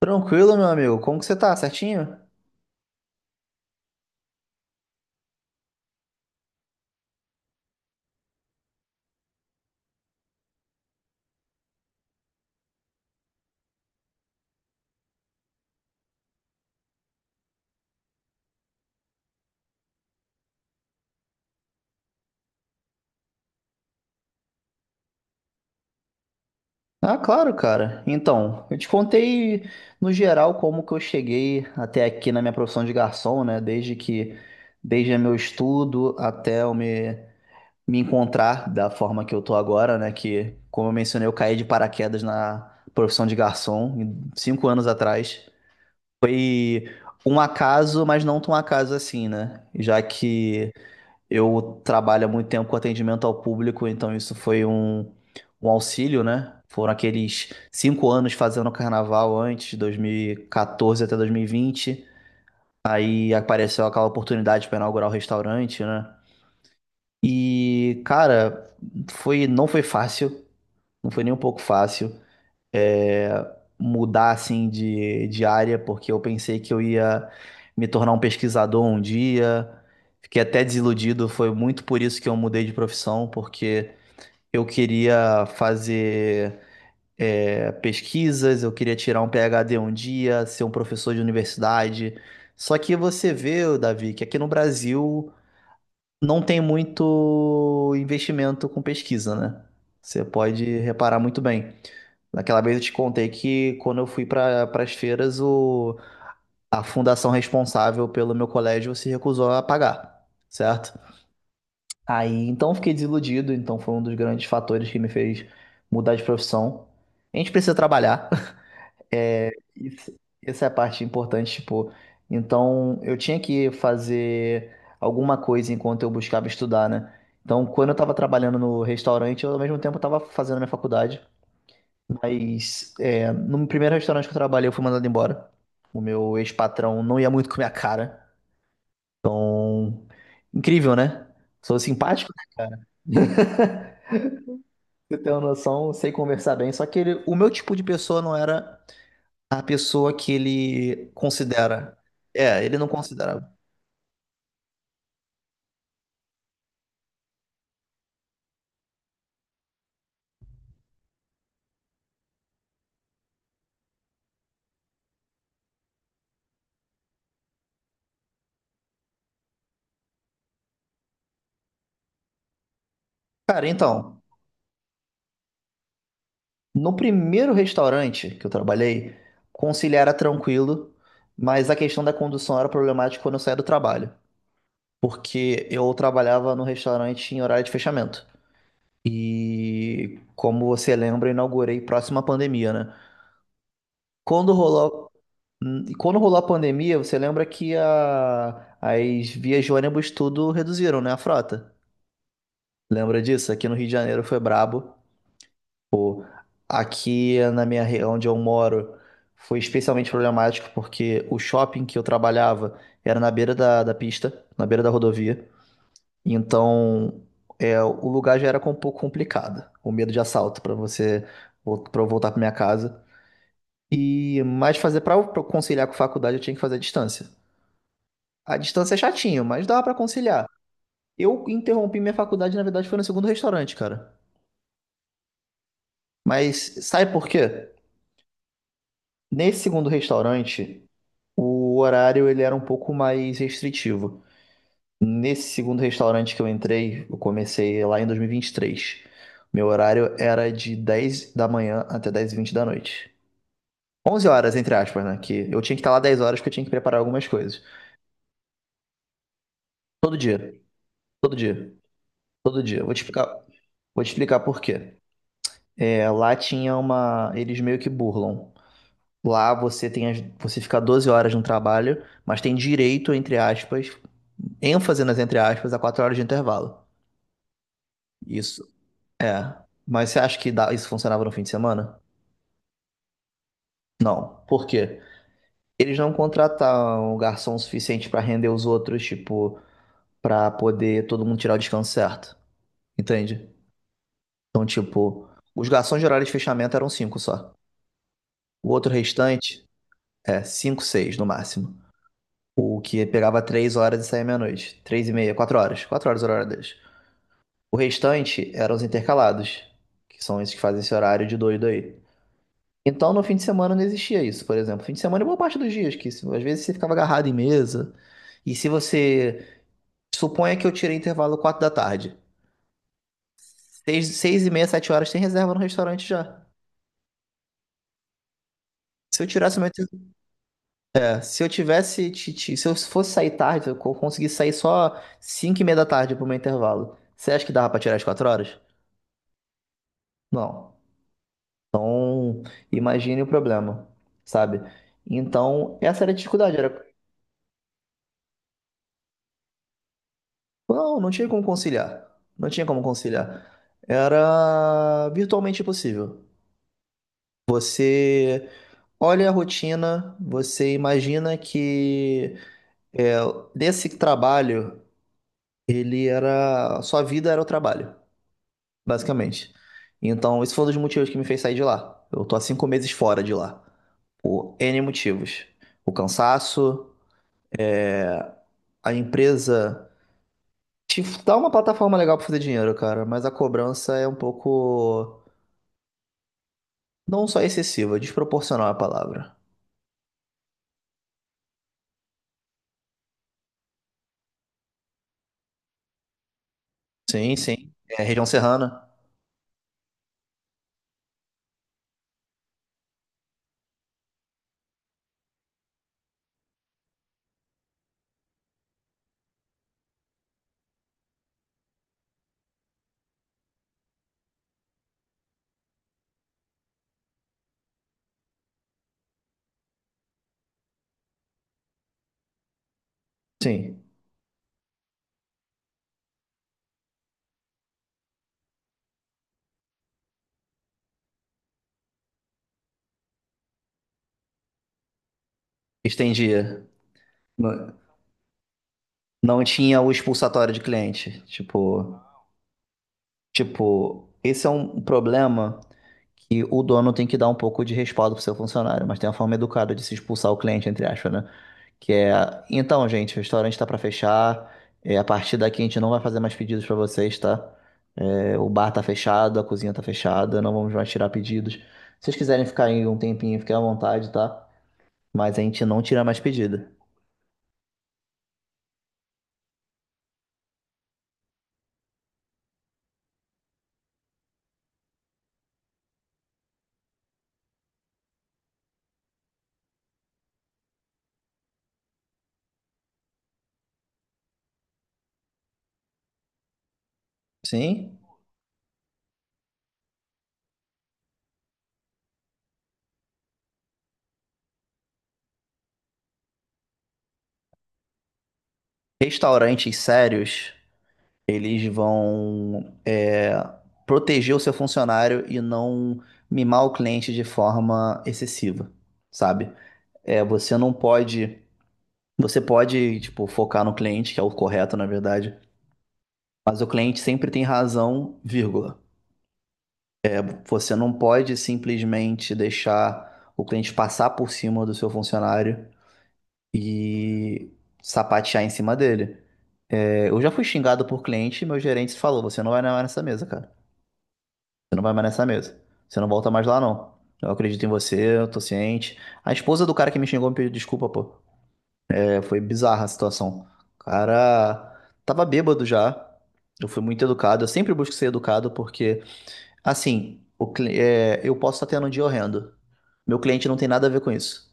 Tranquilo, meu amigo. Como que você tá? Certinho? Ah, claro, cara. Então, eu te contei no geral como que eu cheguei até aqui na minha profissão de garçom, né? Desde meu estudo até eu me encontrar da forma que eu tô agora, né? Que, como eu mencionei, eu caí de paraquedas na profissão de garçom 5 anos atrás. Foi um acaso, mas não tão acaso assim, né? Já que eu trabalho há muito tempo com atendimento ao público, então isso foi um auxílio, né? Foram aqueles 5 anos fazendo carnaval antes, 2014 até 2020. Aí apareceu aquela oportunidade para inaugurar o restaurante, né? E, cara, não foi fácil, não foi nem um pouco fácil, é, mudar assim de área, porque eu pensei que eu ia me tornar um pesquisador um dia. Fiquei até desiludido, foi muito por isso que eu mudei de profissão, porque eu queria fazer, pesquisas, eu queria tirar um PhD um dia, ser um professor de universidade. Só que você vê, Davi, que aqui no Brasil não tem muito investimento com pesquisa, né? Você pode reparar muito bem. Naquela vez eu te contei que quando eu fui para as feiras, a fundação responsável pelo meu colégio se recusou a pagar, certo? Aí então eu fiquei desiludido, então foi um dos grandes fatores que me fez mudar de profissão. A gente precisa trabalhar. É, isso, essa é a parte importante, tipo, então eu tinha que fazer alguma coisa enquanto eu buscava estudar, né? Então, quando eu tava trabalhando no restaurante, eu ao mesmo tempo tava fazendo a minha faculdade, mas, no primeiro restaurante que eu trabalhei, eu fui mandado embora. O meu ex-patrão não ia muito com a minha cara. Então, incrível, né? Sou simpático, eu tenho noção, sei conversar bem, só que o meu tipo de pessoa não era a pessoa que ele considera. É, ele não considera. Cara, então, no primeiro restaurante que eu trabalhei, conciliar era tranquilo, mas a questão da condução era problemática quando eu saía do trabalho, porque eu trabalhava no restaurante em horário de fechamento. E como você lembra, eu inaugurei próximo à pandemia, né? Quando rolou, quando rolou a pandemia, você lembra que as vias de ônibus tudo reduziram, né? A frota. Lembra disso? Aqui no Rio de Janeiro foi brabo. Pô, aqui na minha re- onde eu moro foi especialmente problemático porque o shopping que eu trabalhava era na beira da pista, na beira da rodovia. Então, é, o lugar já era, um pouco complicado, o medo de assalto para você, para eu voltar para minha casa. E mas fazer, para conciliar com faculdade eu tinha que fazer à distância. A distância é chatinho, mas dava para conciliar. Eu interrompi minha faculdade, na verdade, foi no segundo restaurante, cara. Mas sabe por quê? Nesse segundo restaurante o horário ele era um pouco mais restritivo. Nesse segundo restaurante que eu entrei, eu comecei lá em 2023. Meu horário era de 10 da manhã até 10h20 da noite. 11 horas, entre aspas, né? Que eu tinha que estar lá 10 horas porque eu tinha que preparar algumas coisas. Todo dia, todo dia, todo dia. Vou te explicar por quê. É, lá tinha uma. Eles meio que burlam. Lá você tem você fica 12 horas no trabalho, mas tem direito, entre aspas, ênfase nas entre aspas, a 4 horas de intervalo. Isso. É. Mas você acha que dá- isso funcionava no fim de semana? Não. Por quê? Eles não contrataram um garçom suficiente pra render os outros, tipo, pra poder todo mundo tirar o descanso certo. Entende? Então, tipo, os garçons de horário de fechamento eram cinco só. O outro restante é cinco, seis no máximo. O que pegava 3 horas e saía meia-noite. Três e meia, quatro horas. Quatro horas era o horário deles. O restante eram os intercalados, que são esses que fazem esse horário de doido aí. Então, no fim de semana não existia isso, por exemplo. Fim de semana é boa parte dos dias, que às vezes você ficava agarrado em mesa. E se você. Suponha que eu tirei intervalo 4 da tarde. Seis, seis e meia, sete horas tem reserva no restaurante já. Se eu tirasse meu. Se eu tivesse. Se eu fosse sair tarde, se eu co- conseguisse sair só cinco e meia da tarde pro meu intervalo. Você acha que dava pra tirar as quatro horas? Não. Então, imagine o problema, sabe? Então, essa era a dificuldade. Era Não, não tinha como conciliar. Não tinha como conciliar. Era virtualmente impossível. Olha a rotina, você imagina que, é, desse trabalho, ele era. Sua vida era o trabalho, basicamente. Então, esse foi um dos motivos que me fez sair de lá. Eu tô há 5 meses fora de lá. Por N motivos. O cansaço, a empresa. Te dá uma plataforma legal pra fazer dinheiro, cara, mas a cobrança é um pouco. Não só excessiva, desproporcional é a palavra. Sim, sim. É, região serrana. Sim. Estendia. Não, não tinha o expulsatório de cliente. Tipo, esse é um problema que o dono tem que dar um pouco de respaldo pro seu funcionário, mas tem uma forma educada de se expulsar o cliente, entre aspas, né? Que é, então, gente, o restaurante tá para fechar. É, a partir daqui a gente não vai fazer mais pedidos para vocês, tá? É, o bar tá fechado, a cozinha tá fechada, não vamos mais tirar pedidos. Se vocês quiserem ficar aí um tempinho, fiquem à vontade, tá? Mas a gente não tira mais pedido. Sim? Restaurantes sérios, eles vão, é, proteger o seu funcionário e não mimar o cliente de forma excessiva, sabe? É, você não pode. Você pode, tipo, focar no cliente, que é o correto, na verdade. Mas o cliente sempre tem razão, vírgula. Você não pode simplesmente deixar o cliente passar por cima do seu funcionário e sapatear em cima dele. É, eu já fui xingado por cliente e meu gerente falou: você não vai mais nessa mesa, cara. Você não vai mais nessa mesa. Você não volta mais lá, não. Eu acredito em você, eu tô ciente. A esposa do cara que me xingou me pediu desculpa, pô. Foi bizarra a situação. O cara tava bêbado já. Eu fui muito educado. Eu sempre busco ser educado porque, assim, eu posso estar tendo um dia horrendo. Meu cliente não tem nada a ver com isso.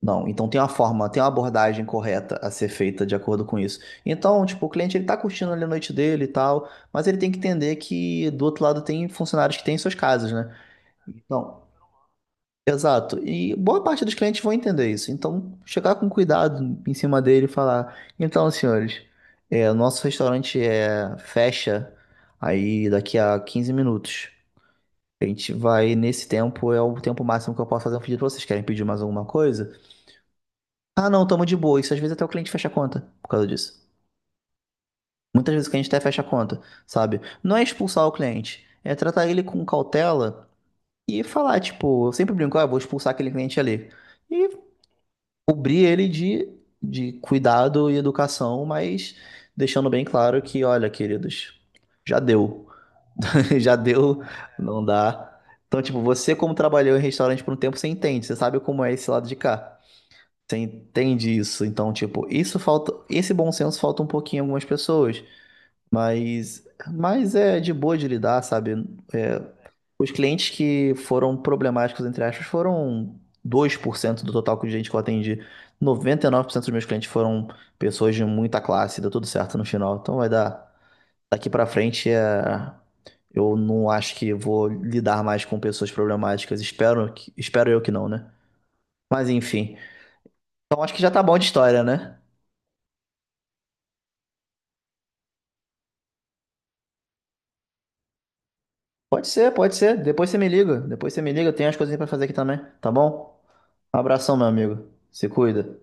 Não, então tem uma forma, tem uma abordagem correta a ser feita de acordo com isso. Então, tipo, o cliente ele tá curtindo ali a noite dele e tal, mas ele tem que entender que do outro lado tem funcionários que têm suas casas, né? Então, exato. E boa parte dos clientes vão entender isso. Então, chegar com cuidado em cima dele e falar: então, senhores, o nosso restaurante, fecha aí daqui a 15 minutos. A gente vai nesse tempo, é o tempo máximo que eu posso fazer um pedido pra vocês. Querem pedir mais alguma coisa? Ah, não, tamo de boa. Isso às vezes até o cliente fecha a conta por causa disso. Muitas vezes o cliente até fecha a conta, sabe? Não é expulsar o cliente, é tratar ele com cautela e falar: tipo, eu sempre brinco, ah, vou expulsar aquele cliente ali. E cobrir ele de cuidado e educação, mas deixando bem claro que, olha, queridos, já deu. Já deu, não dá. Então, tipo, você como trabalhou em restaurante por um tempo, você entende, você sabe como é esse lado de cá. Você entende isso. Então, tipo, isso falta, esse bom senso falta um pouquinho em algumas pessoas, mas é de boa de lidar, sabe? É, os clientes que foram problemáticos, entre aspas, foram 2% do total de gente que eu atendi. 99% dos meus clientes foram pessoas de muita classe, deu tudo certo no final. Então vai dar. Daqui pra frente é... eu não acho que vou lidar mais com pessoas problemáticas. Espero, espero eu que não, né? Mas enfim. Então acho que já tá bom de história, né? Pode ser, pode ser. Depois você me liga. Depois você me liga. Eu tenho as coisinhas pra fazer aqui também, tá bom? Um abração, meu amigo. Se cuida.